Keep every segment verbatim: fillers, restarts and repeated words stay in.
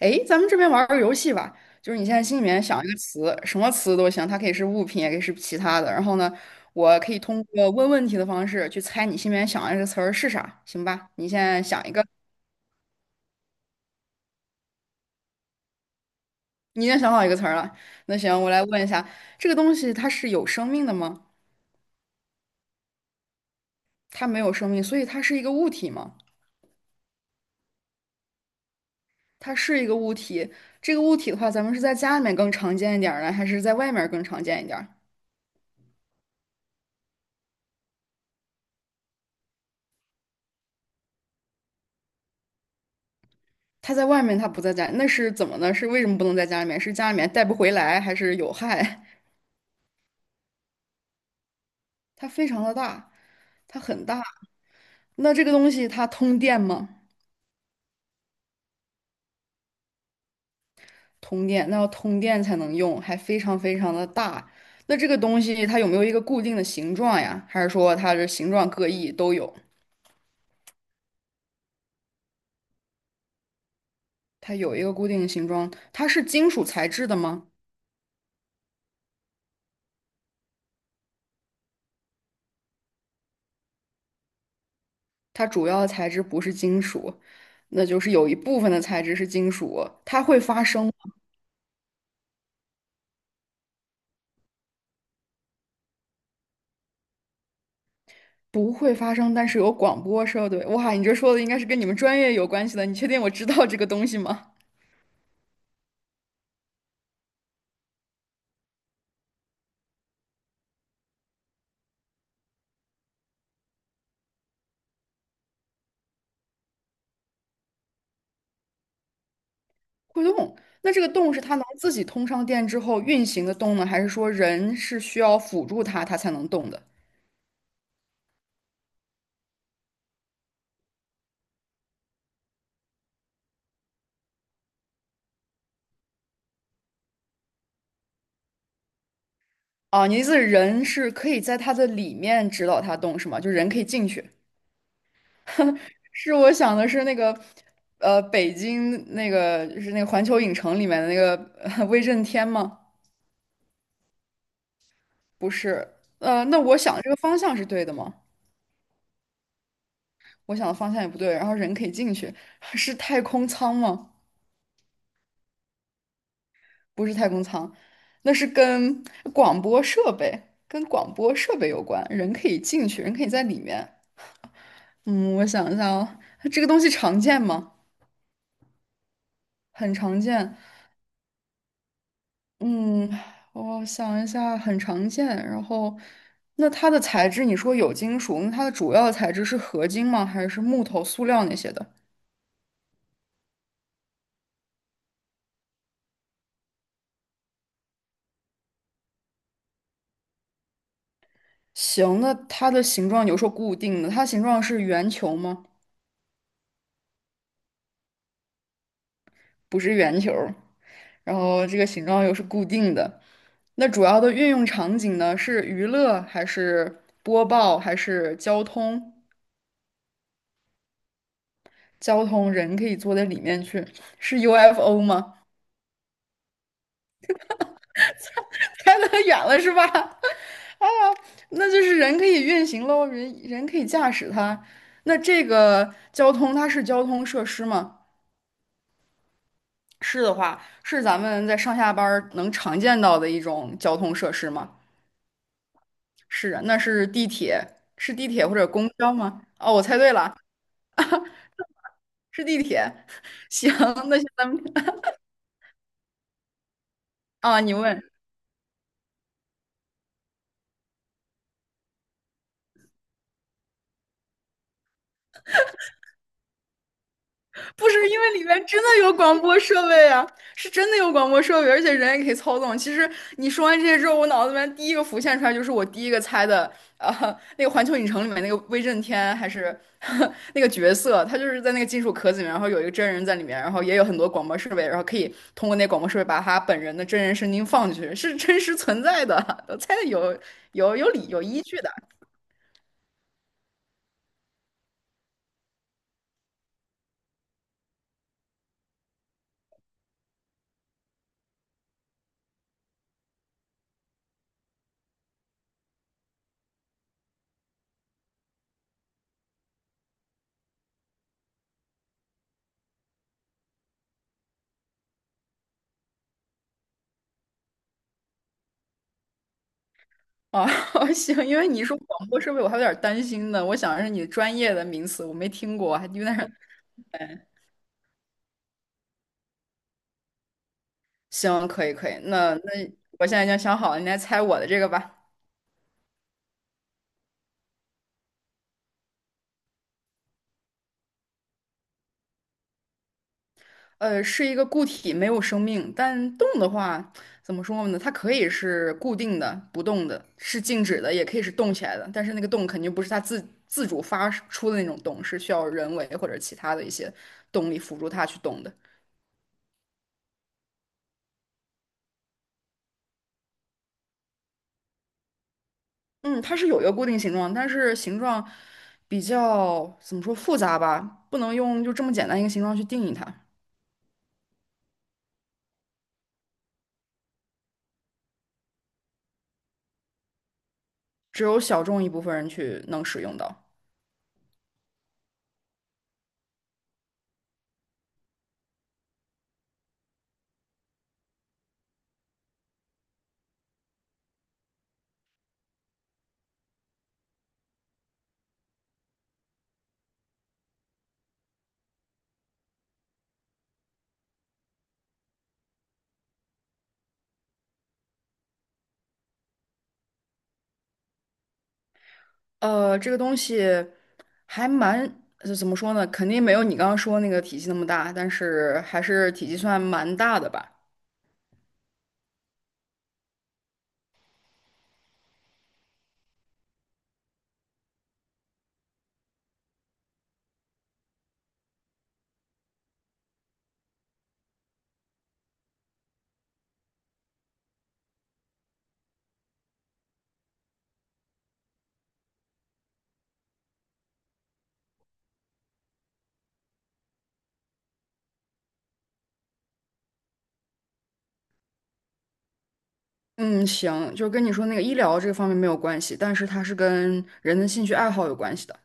诶，咱们这边玩儿个游戏吧，就是你现在心里面想一个词，什么词都行，它可以是物品，也可以是其他的。然后呢，我可以通过问问题的方式去猜你心里面想的这个词儿是啥，行吧？你现在想一个，你已经想好一个词儿了。那行，我来问一下，这个东西它是有生命的吗？它没有生命，所以它是一个物体吗？它是一个物体。这个物体的话，咱们是在家里面更常见一点儿呢，还是在外面儿更常见一点儿？他在外面，他不在家，那是怎么呢？是为什么不能在家里面？是家里面带不回来，还是有害？它非常的大，它很大。那这个东西它通电吗？通电，那要通电才能用，还非常非常的大。那这个东西它有没有一个固定的形状呀？还是说它的形状各异都有？它有一个固定的形状，它是金属材质的吗？它主要的材质不是金属，那就是有一部分的材质是金属，它会发声不会发生，但是有广播设备。哇，你这说的应该是跟你们专业有关系的。你确定我知道这个东西吗？会动，那这个动是它能自己通上电之后运行的动呢，还是说人是需要辅助它，它才能动的？啊，你的意思是人是可以在它的里面指导它动是吗？就人可以进去？是我想的是那个，呃，北京那个就是那个环球影城里面的那个 呃威震天吗？不是，呃，那我想这个方向是对的吗？我想的方向也不对，然后人可以进去，是太空舱吗？不是太空舱，那是跟广播设备，跟广播设备有关，人可以进去，人可以在里面。嗯，我想一下啊，这个东西常见吗？很常见。嗯，我想一下，很常见。然后，那它的材质，你说有金属，那它的主要材质是合金吗？还是木头、塑料那些的？行，那它的形状有说固定的，它形状是圆球吗？不是圆球。然后这个形状又是固定的。那主要的运用场景呢，是娱乐还是播报还是交通？交通人可以坐在里面去，是 U F O 吗？猜得远了是吧？啊，那就是人可以运行喽，人人可以驾驶它。那这个交通它是交通设施吗？是的话，是咱们在上下班儿能常见到的一种交通设施吗？是啊，那是地铁，是地铁或者公交吗？哦，我猜对了，是地铁。行，那行咱们啊，你问。不是因为里面真的有广播设备啊，是真的有广播设备，而且人也可以操纵。其实你说完这些之后，我脑子里面第一个浮现出来就是我第一个猜的，呃，那个《环球影城》里面那个威震天还是 那个角色，他就是在那个金属壳子里面，然后有一个真人在里面，然后也有很多广播设备，然后可以通过那广播设备把他本人的真人声音放进去，是真实存在的，我猜的有有有理有依据的。哦，行，因为你说广播设备，我还有点儿担心呢。我想的是你专业的名词，我没听过，还有点儿 行，可以，可以。那那我现在已经想好了，你来猜我的这个吧。呃，是一个固体，没有生命，但动的话，怎么说呢？它可以是固定的、不动的，是静止的，也可以是动起来的。但是那个动肯定不是它自自主发出的那种动，是需要人为或者其他的一些动力辅助它去动的。嗯，它是有一个固定形状，但是形状比较怎么说复杂吧，不能用就这么简单一个形状去定义它，只有小众一部分人去能使用到。呃，这个东西还蛮，就怎么说呢，肯定没有你刚刚说那个体积那么大，但是还是体积算蛮大的吧。嗯，行，就跟你说那个医疗这个方面没有关系，但是它是跟人的兴趣爱好有关系的。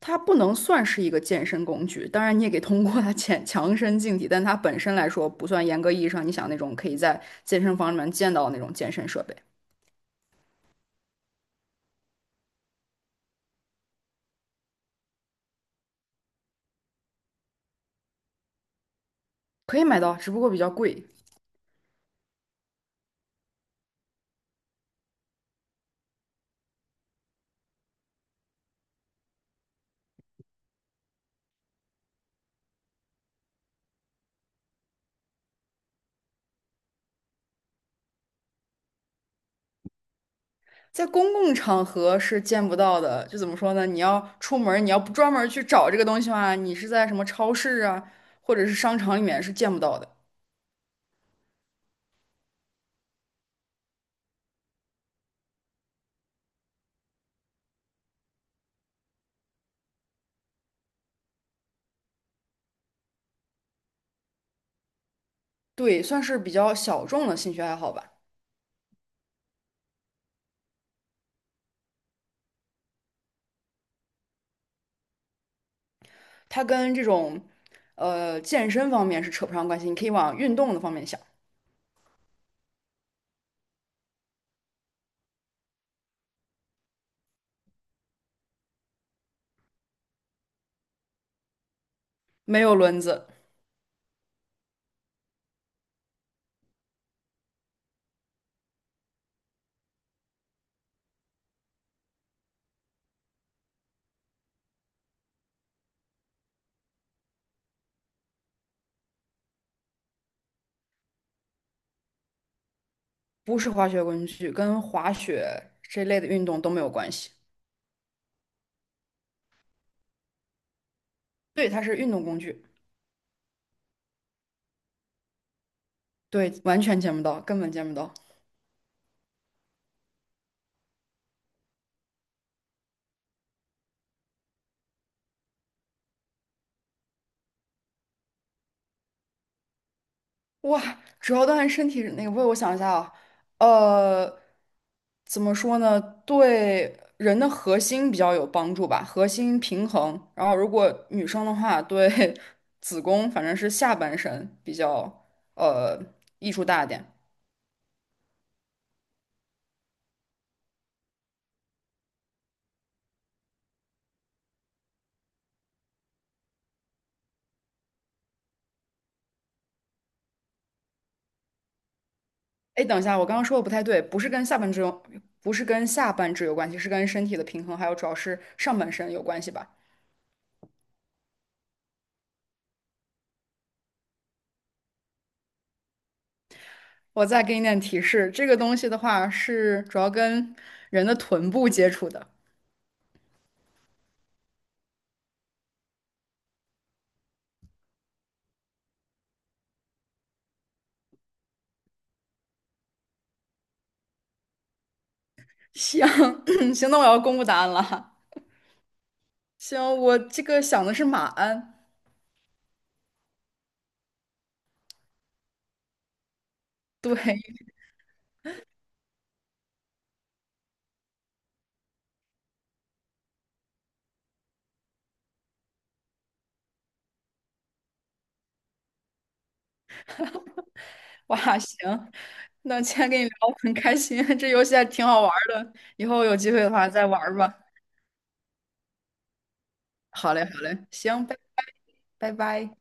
它不能算是一个健身工具，当然你也可以通过它强 强身健体，但它本身来说不算严格意义上你想那种可以在健身房里面见到的那种健身设备，可以买到，只不过比较贵，在公共场合是见不到的。就怎么说呢？你要出门你要不专门去找这个东西的话，你是在什么超市啊，或者是商场里面是见不到的。对，算是比较小众的兴趣爱好吧。它跟这种呃健身方面是扯不上关系，你可以往运动的方面想。没有轮子，不是滑雪工具，跟滑雪这类的运动都没有关系。对，它是运动工具。对，完全见不到，根本见不到。哇，主要锻炼身体那个，为我想一下啊，呃，怎么说呢？对人的核心比较有帮助吧，核心平衡。然后，如果女生的话，对 子宫，反正是下半身比较呃益处大一点。哎，等一下，我刚刚说的不太对，不是跟下半肢有，不是跟下半肢有关系，是跟身体的平衡，还有主要是上半身有关系吧？我再给你点提示，这个东西的话是主要跟人的臀部接触的。行，行，那我要公布答案了行，我这个想的是马鞍。对，哇，行，那今天跟你聊很开心，这游戏还挺好玩儿的，以后有机会的话再玩儿吧。好嘞，好嘞，行，拜拜，拜拜。